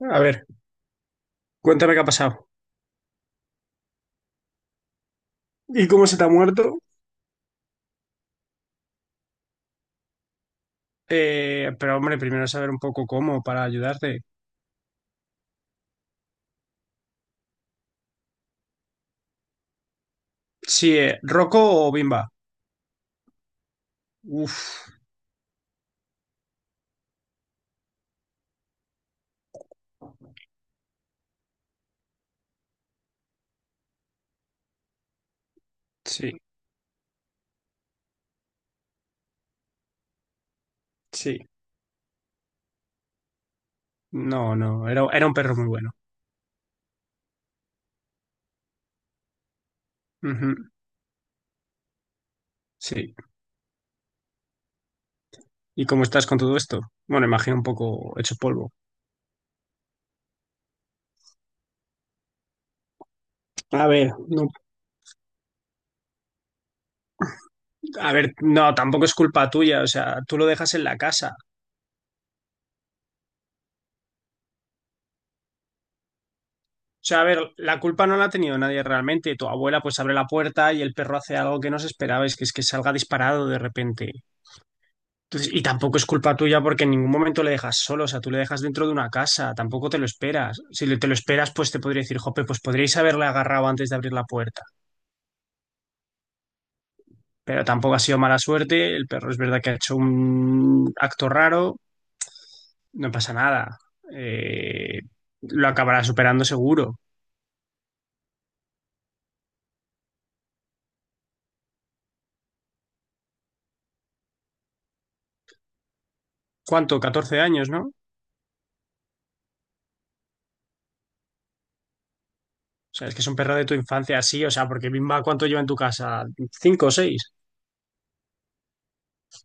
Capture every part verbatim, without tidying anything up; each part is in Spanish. A ver, cuéntame qué ha pasado. ¿Y cómo se te ha muerto? Eh, pero hombre, primero saber un poco cómo para ayudarte. Sí, eh, ¿Rocco o Bimba? Uf, sí, sí. No, no, era, era un perro muy bueno. Ujú, sí. ¿Y cómo estás con todo esto? Bueno, imagino un poco hecho polvo. A ver, no, a ver, no, tampoco es culpa tuya, o sea, tú lo dejas en la casa. O sea, a ver, la culpa no la ha tenido nadie realmente. Tu abuela pues abre la puerta y el perro hace algo que no se esperaba, es que es que salga disparado de repente. Entonces, y tampoco es culpa tuya porque en ningún momento le dejas solo, o sea, tú le dejas dentro de una casa, tampoco te lo esperas. Si le- te lo esperas, pues te podría decir, jope, pues podríais haberle agarrado antes de abrir la puerta. Pero tampoco ha sido mala suerte, el perro es verdad que ha hecho un acto raro, no pasa nada. Eh, lo acabará superando seguro. ¿Cuánto? catorce años, ¿no? O sea, es que es un perro de tu infancia, sí, o sea, porque Bimba, ¿cuánto lleva en tu casa? ¿Cinco o seis?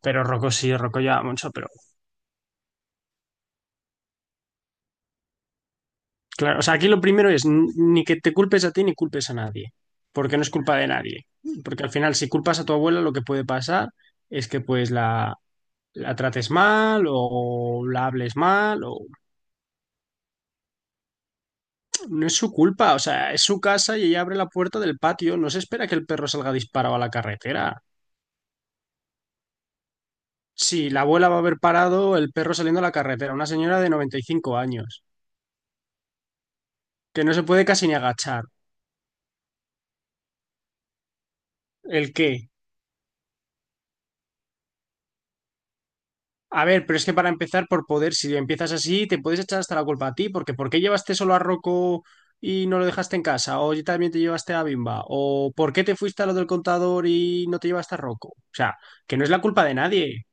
Pero Rocco sí, Rocco lleva mucho, pero claro, o sea, aquí lo primero es n- ni que te culpes a ti ni culpes a nadie, porque no es culpa de nadie. Porque al final, si culpas a tu abuela, lo que puede pasar es que pues la, la trates mal o la hables mal, o no es su culpa, o sea, es su casa y ella abre la puerta del patio, no se espera que el perro salga disparado a la carretera. Si la abuela va a haber parado el perro saliendo a la carretera, una señora de noventa y cinco años, que no se puede casi ni agachar. ¿El qué? A ver, pero es que para empezar, por poder, si empiezas así, te puedes echar hasta la culpa a ti, porque ¿por qué llevaste solo a Rocco y no lo dejaste en casa? ¿O también te llevaste a Bimba? ¿O por qué te fuiste a lo del contador y no te llevaste a Rocco? O sea, que no es la culpa de nadie.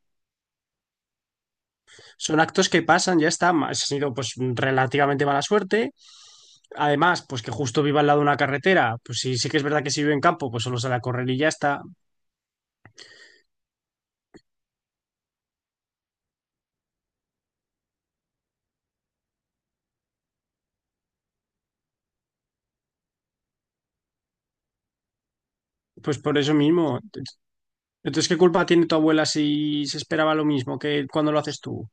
Son actos que pasan, ya está. Ha sido pues relativamente mala suerte. Además, pues que justo viva al lado de una carretera, pues sí, sí que es verdad que si vive en campo, pues solo sale a correr y ya está. Pues por eso mismo. Entonces, ¿qué culpa tiene tu abuela si se esperaba lo mismo que cuando lo haces tú?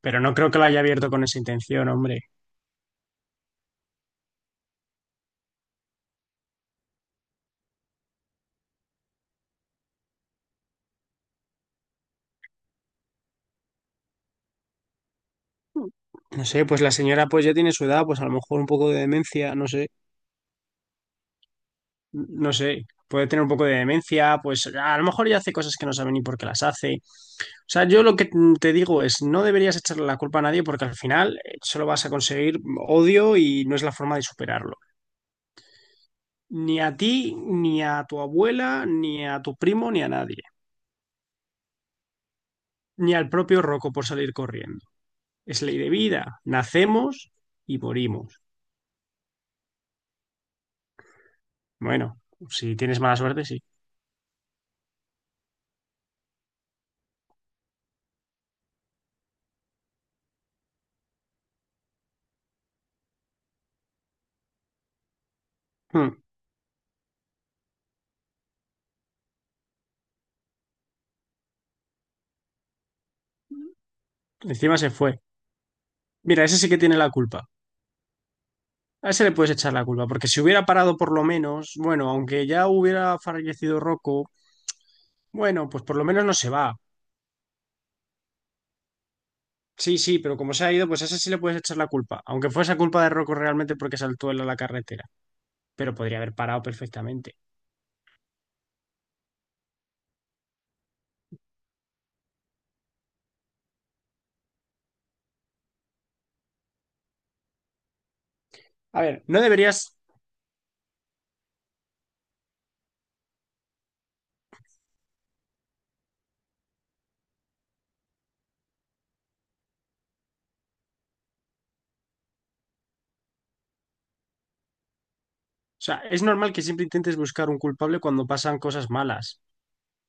Pero no creo que lo haya abierto con esa intención, hombre. No sé, pues la señora pues ya tiene su edad, pues a lo mejor un poco de demencia, no sé, no sé. Puede tener un poco de demencia, pues a lo mejor ya hace cosas que no sabe ni por qué las hace. O sea, yo lo que te digo es, no deberías echarle la culpa a nadie porque al final eh, solo vas a conseguir odio y no es la forma de superarlo. Ni a ti, ni a tu abuela, ni a tu primo, ni a nadie. Ni al propio Rocco por salir corriendo. Es ley de vida. Nacemos y morimos. Bueno, si tienes mala suerte, sí. Hmm. Encima se fue. Mira, ese sí que tiene la culpa. A ese le puedes echar la culpa, porque si hubiera parado por lo menos, bueno, aunque ya hubiera fallecido Rocco, bueno, pues por lo menos no se va. Sí, sí, pero como se ha ido, pues a ese sí le puedes echar la culpa, aunque fuese culpa de Rocco realmente porque saltó él a la carretera, pero podría haber parado perfectamente. A ver, no deberías, o sea, es normal que siempre intentes buscar un culpable cuando pasan cosas malas.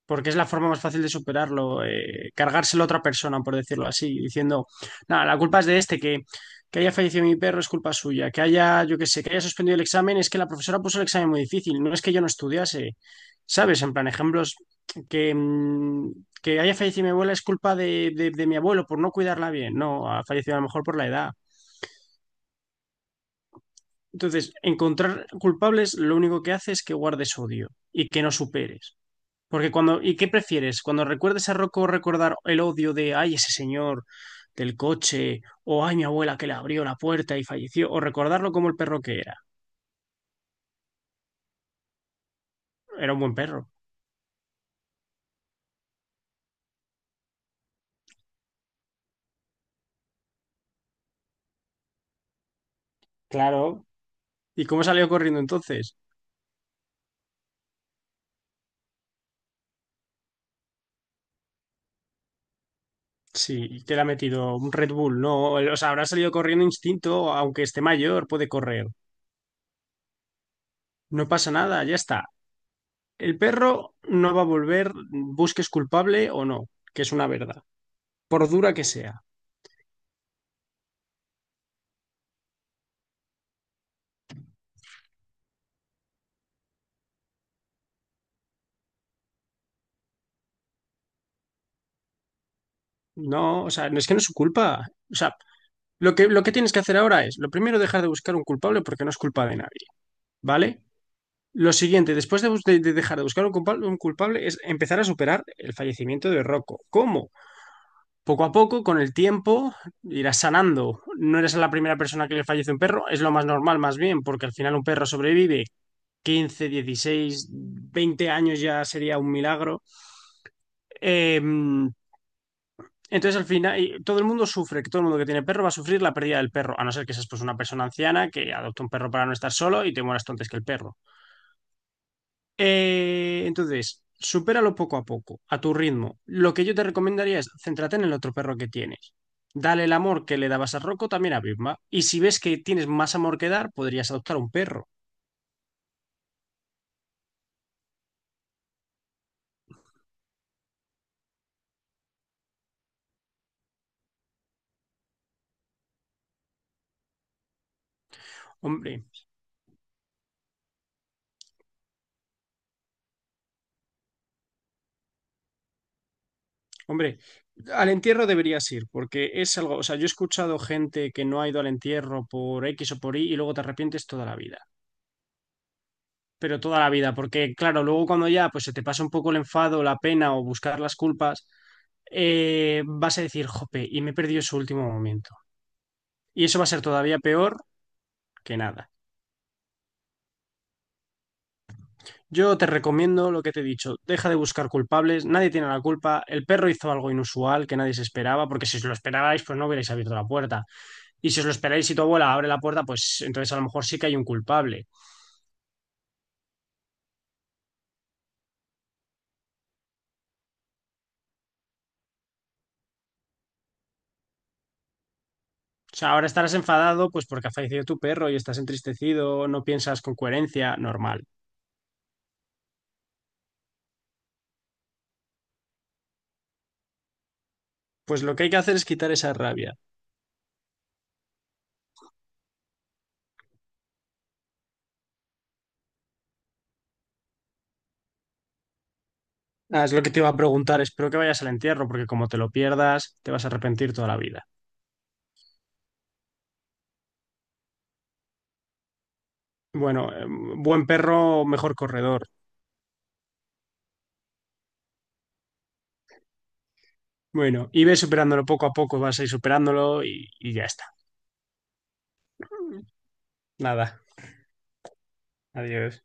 Porque es la forma más fácil de superarlo, eh, cargárselo a otra persona, por decirlo así, diciendo, nada, la culpa es de este, que, que haya fallecido mi perro es culpa suya, que haya, yo qué sé, que haya suspendido el examen, es que la profesora puso el examen muy difícil, no es que yo no estudiase, ¿sabes? En plan, ejemplos, que, mm, que haya fallecido mi abuela es culpa de, de de mi abuelo por no cuidarla bien, no, ha fallecido a lo mejor por la edad. Entonces, encontrar culpables lo único que hace es que guardes odio y que no superes. Porque cuando, ¿y qué prefieres? Cuando recuerdes a Rocco recordar el odio de, ay, ese señor del coche, o ay, mi abuela que le abrió la puerta y falleció, o recordarlo como el perro que era. Era un buen perro. Claro, ¿y cómo salió corriendo entonces? Sí, te la ha metido un Red Bull, ¿no? O sea, habrá salido corriendo instinto, aunque esté mayor, puede correr. No pasa nada, ya está. El perro no va a volver, busques culpable o no, que es una verdad, por dura que sea. No, o sea, no es que no es su culpa. O sea, lo que, lo que tienes que hacer ahora es, lo primero, dejar de buscar un culpable porque no es culpa de nadie, ¿vale? Lo siguiente, después de, bus- de- de dejar de buscar un culpable, un culpable, es empezar a superar el fallecimiento de Rocco. ¿Cómo? Poco a poco, con el tiempo, irás sanando. No eres la primera persona que le fallece un perro, es lo más normal, más bien, porque al final un perro sobrevive quince dieciséis veinte años ya sería un milagro. Eh, Entonces, al final, y todo el mundo sufre, que todo el mundo que tiene perro va a sufrir la pérdida del perro, a no ser que seas pues una persona anciana que adopta un perro para no estar solo y te mueras tú antes que el perro. Eh, entonces, supéralo poco a poco, a tu ritmo. Lo que yo te recomendaría es céntrate en el otro perro que tienes. Dale el amor que le dabas a Rocco también a Vilma. Y si ves que tienes más amor que dar, podrías adoptar un perro. Hombre, hombre, al entierro deberías ir, porque es algo, o sea, yo he escuchado gente que no ha ido al entierro por X o por Y y luego te arrepientes toda la vida. Pero toda la vida, porque claro, luego cuando ya pues se te pasa un poco el enfado, la pena o buscar las culpas, eh, vas a decir, jope, y me he perdido ese último momento. Y eso va a ser todavía peor que nada. Yo te recomiendo lo que te he dicho, deja de buscar culpables, nadie tiene la culpa, el perro hizo algo inusual que nadie se esperaba, porque si os lo esperabais, pues no hubierais abierto la puerta. Y si os lo esperáis y tu abuela abre la puerta, pues entonces a lo mejor sí que hay un culpable. O sea, ahora estarás enfadado, pues porque ha fallecido tu perro y estás entristecido, no piensas con coherencia, normal. Pues lo que hay que hacer es quitar esa rabia. Ah, es lo que te iba a preguntar. Espero que vayas al entierro, porque como te lo pierdas, te vas a arrepentir toda la vida. Bueno, eh, buen perro, mejor corredor. Bueno, y ves superándolo poco a poco, vas a ir superándolo y, y ya está. Nada, adiós.